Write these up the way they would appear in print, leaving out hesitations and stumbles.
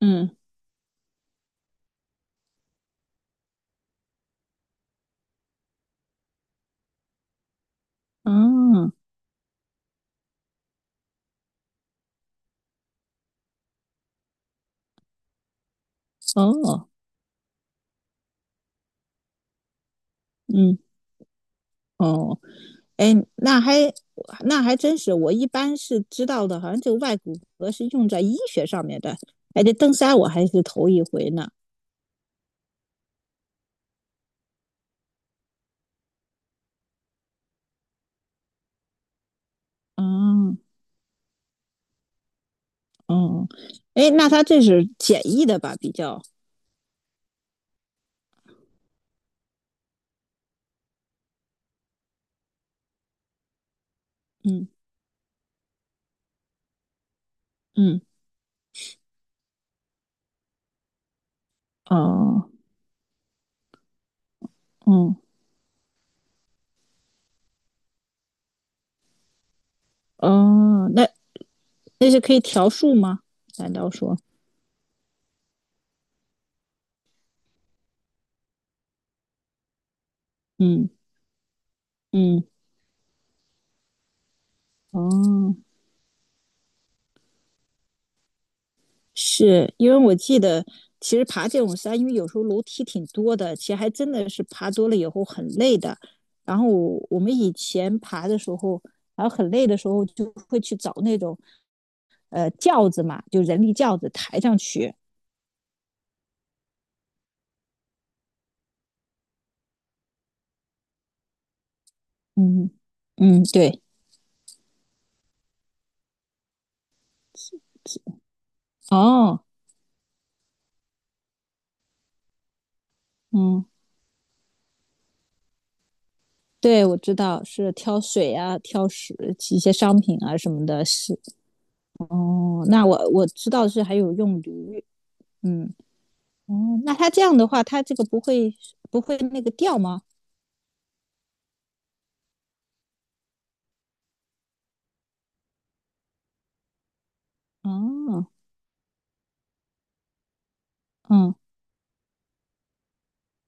嗯，哦，哦，嗯，哦，哎，那还真是，我一般是知道的，好像这个外骨骼是用在医学上面的。哎，这登山我还是头一回呢。哦，哦，哎，那它这是简易的吧？比较，嗯嗯，哦，哦，哦，那是可以调数吗？难道说，嗯嗯，哦。是因为我记得，其实爬这种山，因为有时候楼梯挺多的，其实还真的是爬多了以后很累的。然后我们以前爬的时候，然后很累的时候，就会去找那种轿子嘛，就人力轿子抬上去。嗯嗯，对，哦，嗯，对，我知道是挑水啊，挑食一些商品啊什么的，是哦。那我知道是还有用驴。嗯。哦，那他这样的话，他这个不会那个掉吗？哦，嗯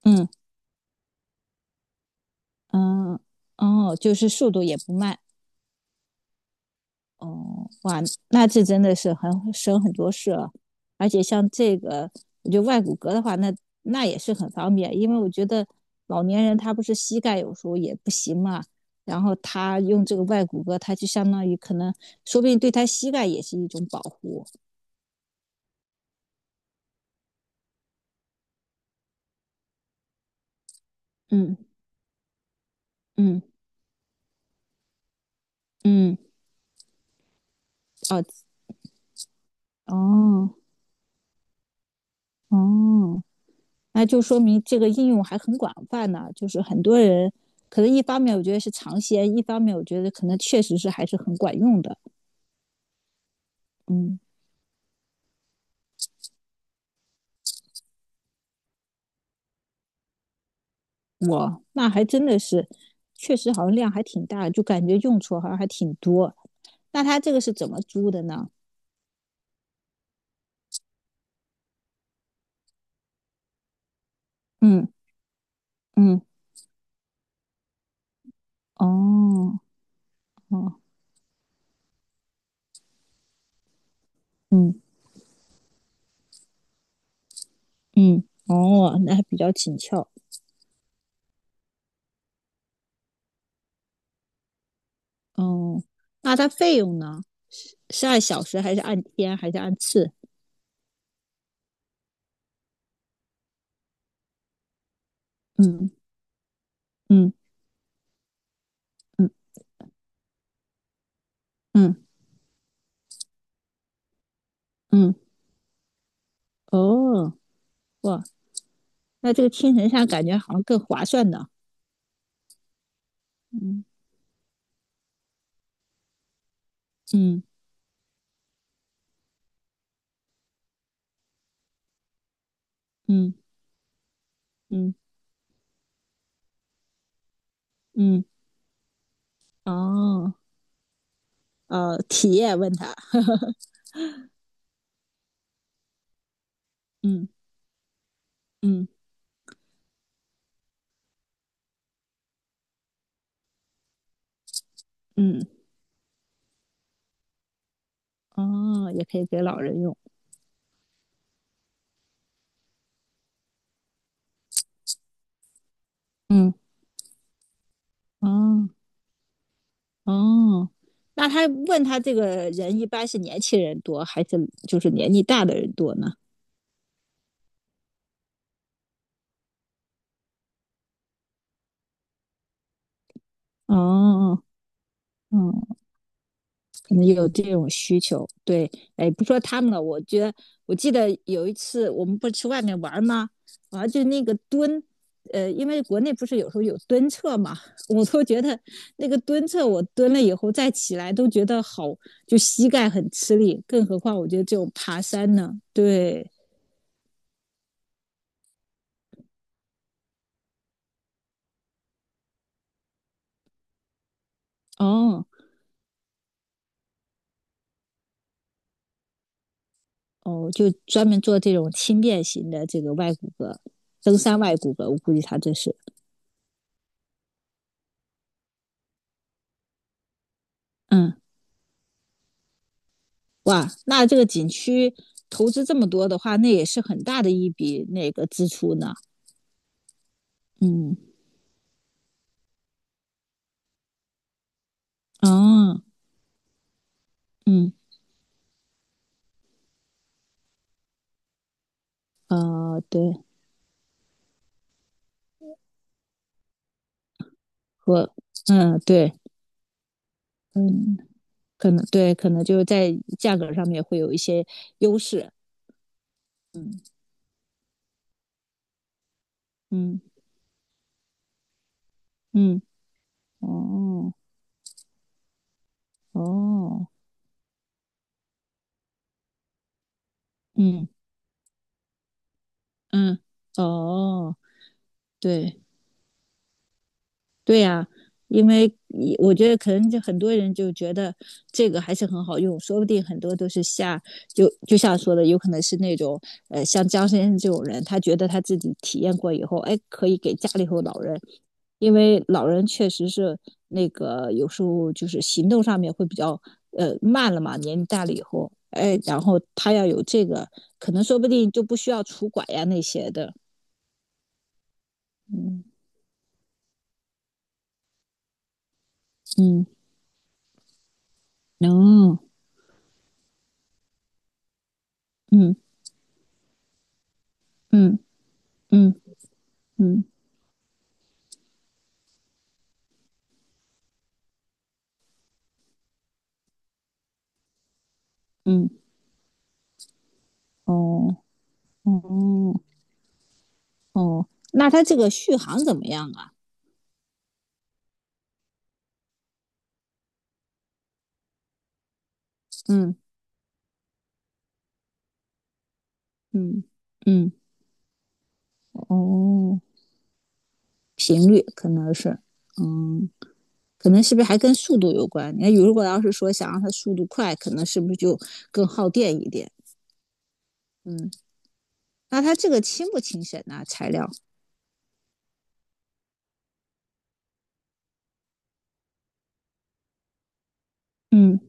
嗯嗯，哦，就是速度也不慢。哦，哇，那这真的是很省很多事了。而且像这个，我觉得外骨骼的话，那也是很方便，因为我觉得老年人他不是膝盖有时候也不行嘛，然后他用这个外骨骼，他就相当于可能说不定对他膝盖也是一种保护。嗯嗯嗯，哦哦哦。那就说明这个应用还很广泛呢。就是很多人可能一方面我觉得是尝鲜，一方面我觉得可能确实是还是很管用的。嗯，哇，那还真的是，确实好像量还挺大，就感觉用处好像还挺多。那它这个是怎么租的呢？嗯嗯，哦哦，嗯嗯，哦，那还比较紧俏。哦，那它费用呢？是按小时还是按天还是按次？嗯嗯嗯嗯嗯，哦，哇，那这个青城山感觉好像更划算呢。嗯嗯嗯嗯嗯，哦，体验问他，嗯嗯嗯，哦，也可以给老人用。嗯，哦哦，那他问他这个人一般是年轻人多还是就是年纪大的人多呢？哦哦。哦，可能有这种需求。对，哎，不说他们了，我记得有一次我们不是去外面玩吗？啊，就那个蹲，因为国内不是有时候有蹲厕嘛，我都觉得那个蹲厕我蹲了以后再起来都觉得好，就膝盖很吃力，更何况我觉得这种爬山呢，对。哦哦，就专门做这种轻便型的这个外骨骼，登山外骨骼，我估计他这是，嗯。哇，那这个景区投资这么多的话，那也是很大的一笔那个支出呢。嗯，哦，嗯，对，和，嗯，对，嗯，可能对，可能就是在价格上面会有一些优势。嗯嗯嗯，哦哦，嗯嗯，哦，对，对呀、啊，因为你我觉得可能就很多人就觉得这个还是很好用，说不定很多都是就像说的，有可能是那种像张先生这种人，他觉得他自己体验过以后，哎，可以给家里头老人，因为老人确实是那个有时候就是行动上面会比较慢了嘛，年龄大了以后，哎，然后他要有这个，可能说不定就不需要拄拐呀那些的。嗯嗯，能，哦，嗯嗯嗯。嗯嗯，哦哦哦，那它这个续航怎么样啊？嗯嗯嗯，哦，频率可能是，嗯，可能是不是还跟速度有关？你看如果要是说想让它速度快，可能是不是就更耗电一点？嗯，那它这个轻不轻省呢？材料？嗯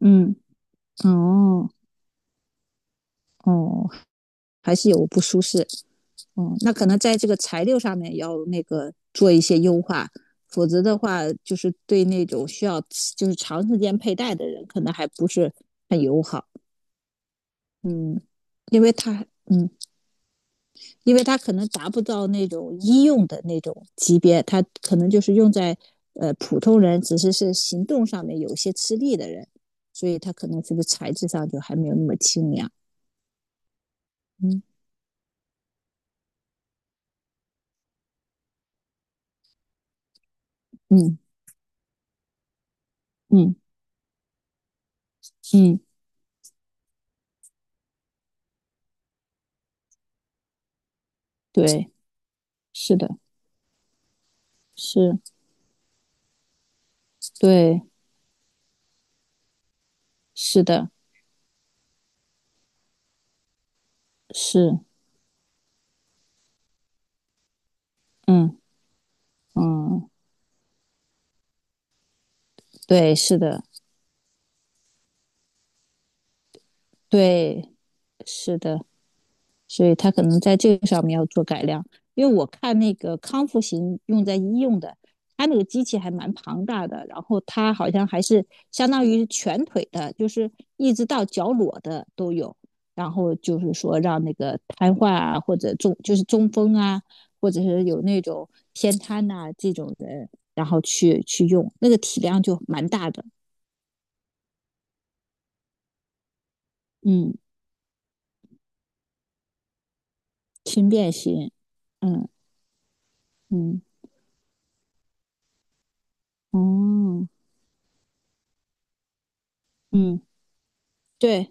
嗯，哦哦，还是有不舒适。嗯，那可能在这个材料上面要那个做一些优化，否则的话，就是对那种需要就是长时间佩戴的人，可能还不是很友好。嗯，因为它，嗯，因为它可能达不到那种医用的那种级别，它可能就是用在普通人，只是行动上面有些吃力的人，所以它可能这个材质上就还没有那么清凉。嗯嗯嗯嗯，对，是的，是，对，是的。是，嗯嗯，对，是的，对，是的，所以他可能在这个上面要做改良。因为我看那个康复型用在医用的，它那个机器还蛮庞大的，然后它好像还是相当于全腿的，就是一直到脚裸的都有。然后就是说让那个瘫痪啊，或者就是中风啊，或者是有那种偏瘫呐、这种人，然后去用，那个体量就蛮大的。嗯，轻便型，嗯嗯，哦，嗯，对，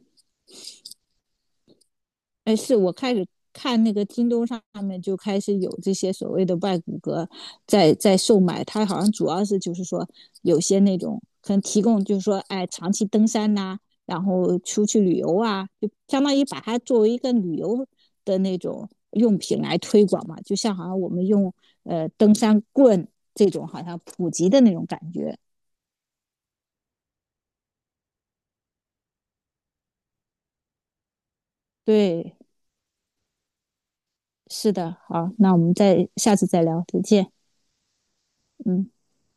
哎，是我开始看那个京东上面就开始有这些所谓的外骨骼在售卖，它好像主要是就是说有些那种可能提供就是说，哎，长期登山呐、然后出去旅游啊，就相当于把它作为一个旅游的那种用品来推广嘛，就像好像我们用登山棍这种好像普及的那种感觉。对，是的，好，那我们再下次再聊，再见。嗯。